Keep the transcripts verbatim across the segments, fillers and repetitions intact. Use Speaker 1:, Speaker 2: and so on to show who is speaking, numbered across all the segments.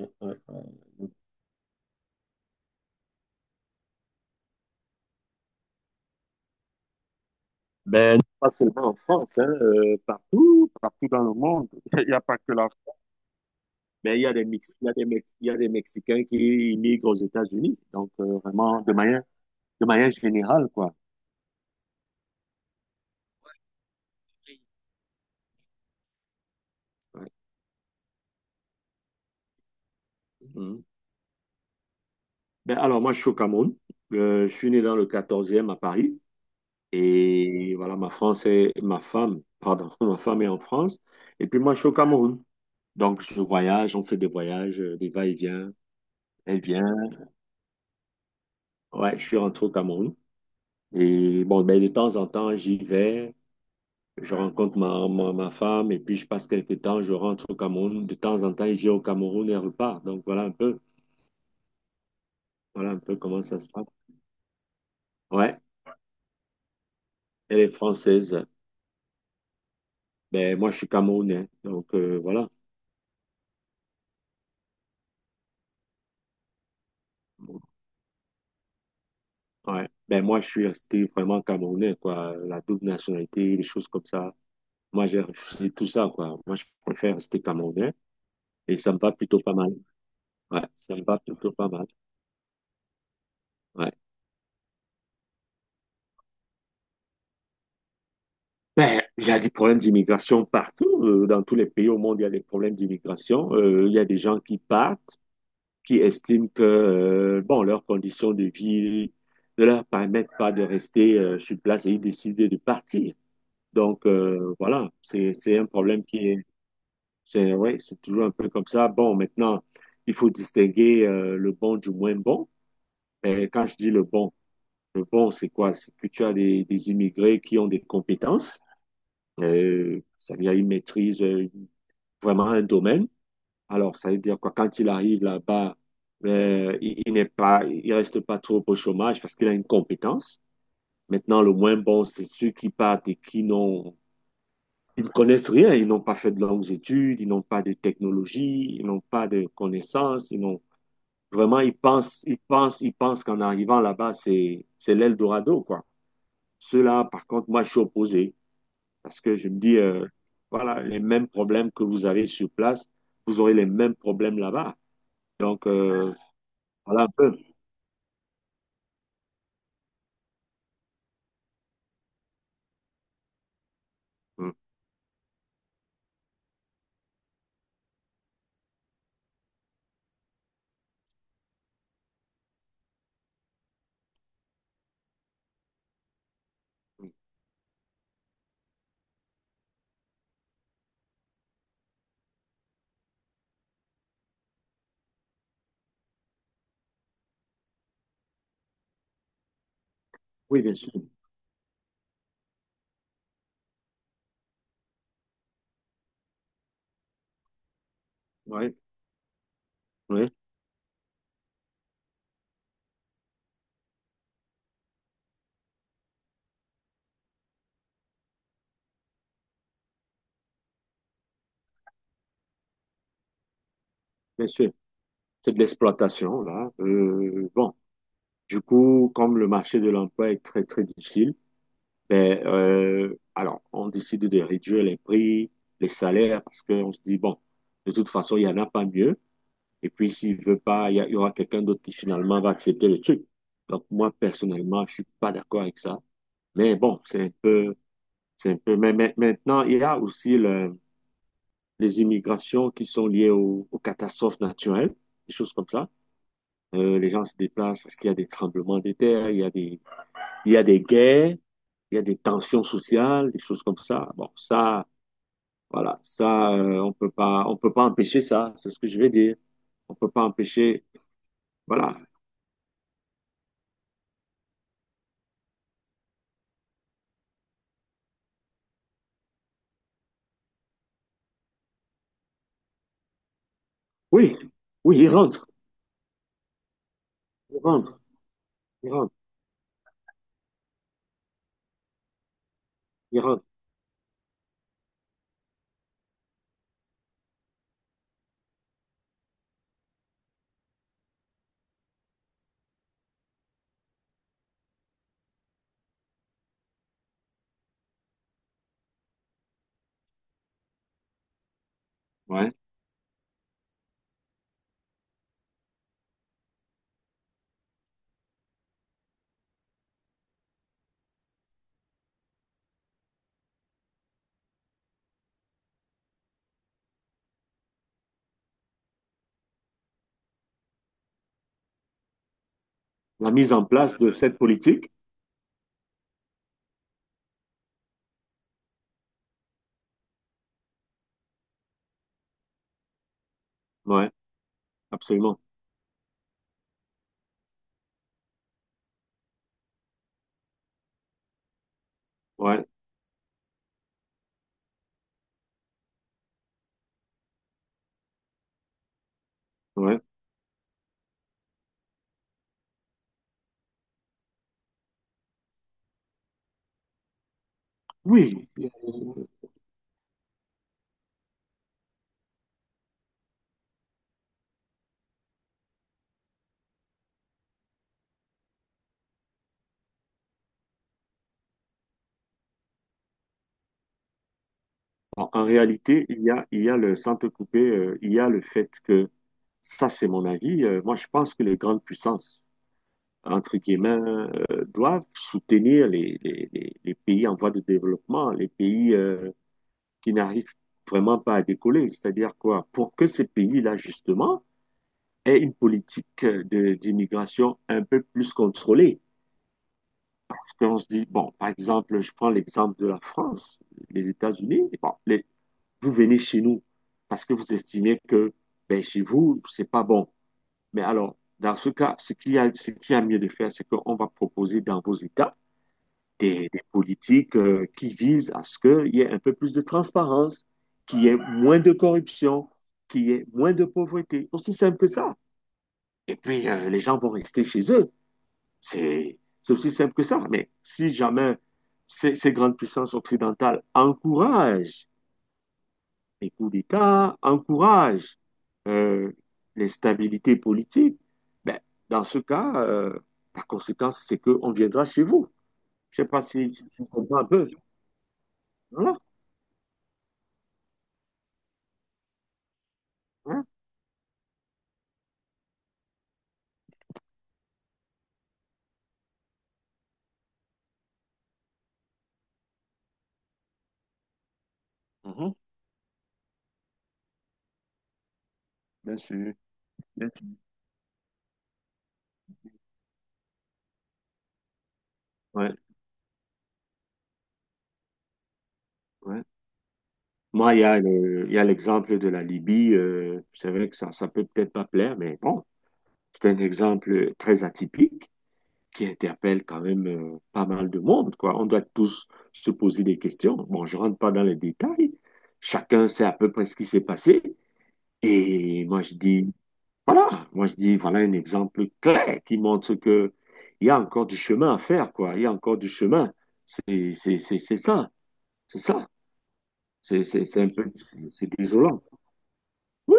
Speaker 1: Ouais. Ben, pas seulement en France, hein, euh, partout, partout dans le monde. Il n'y a pas que la France. Mais il y a des Mex- il y a des Mex- il y a des Mexicains qui immigrent aux États-Unis. Donc, euh, vraiment, de manière, de manière générale, quoi. Ouais. Mhm. Ben, alors, moi, je suis au Cameroun. Euh, je suis né dans le quatorzième à Paris. Et voilà, ma France est, ma femme, pardon, ma femme est en France. Et puis, moi, je suis au Cameroun. Donc, je voyage, on fait des voyages, euh, des va-et-vient. Elle vient. Ouais, je suis rentré au Cameroun. Et bon, ben, de temps en temps, j'y vais, je rencontre ma, ma, ma femme et puis je passe quelques temps, je rentre au Cameroun. De temps en temps, j'ai au Cameroun et repars. Donc voilà un peu, voilà un peu comment ça se passe. Ouais, elle est française. Ben, moi, je suis camerounais. Donc euh, voilà. Ouais. Ben, moi, je suis resté vraiment camerounais, quoi. La double nationalité, les choses comme ça. Moi, j'ai refusé tout ça, quoi. Moi, je préfère rester camerounais et ça me va plutôt pas mal. Ouais, ça me va plutôt pas mal. Ouais. Ben, il y a des problèmes d'immigration partout. euh, Dans tous les pays au monde, il y a des problèmes d'immigration. Euh, il y a des gens qui partent, qui estiment que euh, bon, leurs conditions de vie ne leur permettent pas de rester euh, sur place et ils décident de partir. Donc euh, voilà, c'est c'est un problème qui est c'est ouais, c'est toujours un peu comme ça. Bon, maintenant, il faut distinguer euh, le bon du moins bon. Et quand je dis le bon, le bon, c'est quoi? C'est que tu as des, des immigrés qui ont des compétences euh, c'est-à-dire, il maîtrise euh, vraiment un domaine. Alors, ça veut dire quoi, quand il arrive là-bas, euh, il, il n'est pas, il reste pas trop au chômage parce qu'il a une compétence. Maintenant, le moins bon, c'est ceux qui partent et qui n'ont, ils ne connaissent rien. Ils n'ont pas fait de longues études, ils n'ont pas de technologie, ils n'ont pas de connaissances, ils n'ont, vraiment, ils pensent, ils pensent, ils pensent qu'en arrivant là-bas, c'est, c'est l'Eldorado, quoi. Ceux-là, par contre, moi, je suis opposé. Parce que je me dis, euh, voilà, les mêmes problèmes que vous avez sur place, vous aurez les mêmes problèmes là-bas. Donc, euh, voilà un peu. Mm. Oui, bien sûr. Oui, oui, bien sûr. C'est de l'exploitation, là. Euh, bon, du coup, comme le marché de l'emploi est très, très difficile, ben, euh, alors, on décide de réduire les prix, les salaires, parce qu'on se dit, bon, de toute façon, il n'y en a pas mieux. Et puis, s'il veut pas, il y, a- il y aura quelqu'un d'autre qui finalement va accepter le truc. Donc, moi, personnellement, je suis pas d'accord avec ça. Mais bon, c'est un peu, c'est un peu. Mais mais- maintenant, il y a aussi le- les immigrations qui sont liées au- aux catastrophes naturelles, des choses comme ça. Euh, les gens se déplacent parce qu'il y a des tremblements de terre, il y a des, il y a des guerres, il y a des tensions sociales, des choses comme ça. Bon, ça, voilà, ça, euh, on peut pas, on peut pas empêcher ça. C'est ce que je vais dire. On peut pas empêcher. Voilà. Oui, oui, il rentre, il rentre, il rentre, il rentre. Ouais. La mise en place de cette politique. Ouais, absolument. Ouais. Ouais. Oui, euh, en en réalité, il y a, il y a le sans te couper, euh, il y a le fait que, ça c'est mon avis, euh, moi je pense que les grandes puissances, entre guillemets, euh, doivent soutenir les, les, les- les pays en voie de développement, les pays euh, qui n'arrivent vraiment pas à décoller. C'est-à-dire quoi? Pour que ces pays-là, justement, aient une politique euh, de, d'immigration un peu plus contrôlée. Parce qu'on se dit, bon, par exemple, je prends l'exemple de la France, les États-Unis, bon, les, vous venez chez nous parce que vous estimez que ben, chez vous, c'est pas bon. Mais alors, dans ce cas, ce qu'il y a, ce qu'il y a mieux de faire, c'est qu'on va proposer dans vos États des, des politiques euh, qui visent à ce qu'il y ait un peu plus de transparence, qu'il y ait moins de corruption, qu'il y ait moins de pauvreté. Aussi simple que ça. Et puis, euh, les gens vont rester chez eux. C'est, c'est aussi simple que ça. Mais si jamais ces, ces grandes puissances occidentales encouragent les coups d'État encouragent euh, l'instabilité politique, ben, dans ce cas, euh, la conséquence, c'est qu'on viendra chez vous. Je ne sais pas si, si tu comprends un peu. Voilà. Hein. Mhm. Bien sûr. Bien sûr. Ouais, ouais. Moi, il y a le- il y a l'exemple de la Libye. Euh, c'est vrai que ça, ça peut peut-être pas plaire, mais bon, c'est un exemple très atypique. Qui interpelle quand même euh, pas mal de monde, quoi. On doit tous se poser des questions. Bon, je rentre pas dans les détails. Chacun sait à peu près ce qui s'est passé. Et moi, je dis, voilà, moi, je dis, voilà un exemple clair qui montre que il y a encore du chemin à faire, quoi. Il y a encore du chemin. C'est, c'est, c'est, c'est ça. C'est ça. C'est, c'est, c'est un peu, c'est c'est désolant. Oui,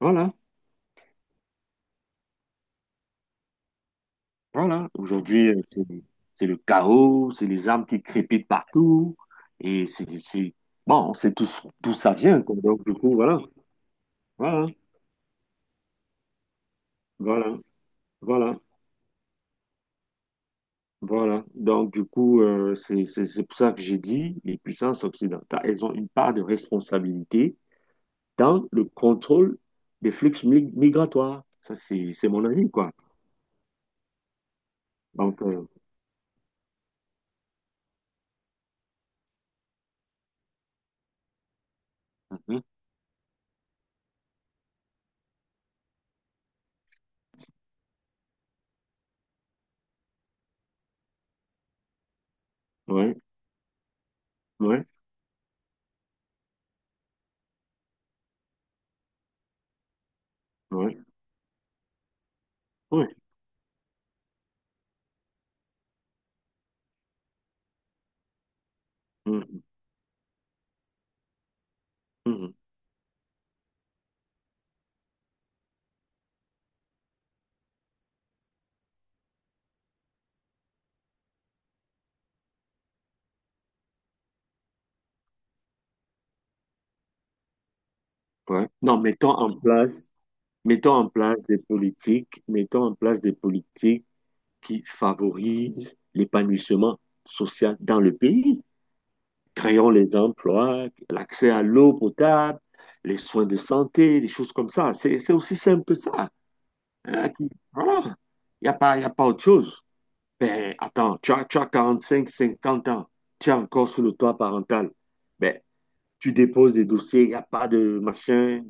Speaker 1: voilà. Voilà, aujourd'hui, euh, c'est c'est le chaos, c'est les armes qui crépitent partout, et c'est, c'est- bon, on sait tous d'où ça vient, quoi. Donc, du coup, voilà, voilà, voilà, voilà, voilà. Donc, du coup, euh, c'est c'est- c'est pour ça que j'ai dit, les puissances occidentales, elles ont une part de responsabilité dans le contrôle des flux mi- migratoires. Ça, c'est c'est mon avis, quoi. Donc, euh, mhm, ouais, ouais, ouais, ouais. Mhm, mhm, ouais. Non, mettons en place. Mettons en place des politiques, mettons en place des politiques qui favorisent l'épanouissement social dans le pays. Créons les emplois, l'accès à l'eau potable, les soins de santé, des choses comme ça. C'est, c'est aussi simple que ça. Hein, qui- Voilà. Il n'y a pas, Y a pas autre chose. Ben, attends, tu as, tu as quarante-cinq, cinquante ans. Tu es encore sous le toit parental. Ben, tu déposes des dossiers, il n'y a pas de machin.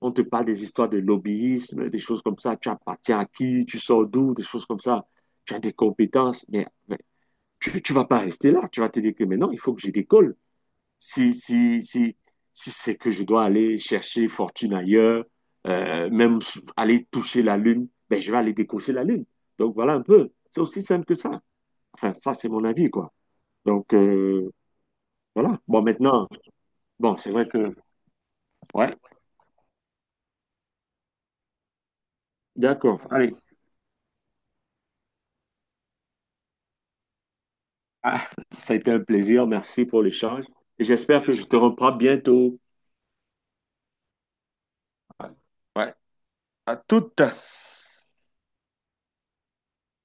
Speaker 1: On te parle des histoires de lobbyisme, des choses comme ça. Tu appartiens à qui, tu sors d'où, des choses comme ça. Tu as des compétences, mais, mais tu ne vas pas rester là. Tu vas te dire que maintenant, il faut que je décolle. Si, si, si, Si c'est que je dois aller chercher fortune ailleurs, euh, même aller toucher la lune, ben, je vais aller décocher la lune. Donc voilà un peu. C'est aussi simple que ça. Enfin, ça, c'est mon avis, quoi. Donc euh, voilà. Bon, maintenant, bon, c'est vrai que, ouais. D'accord. Allez, ah, ça a été un plaisir. Merci pour l'échange. Et j'espère que je te reprends bientôt. Ouais, à toutes.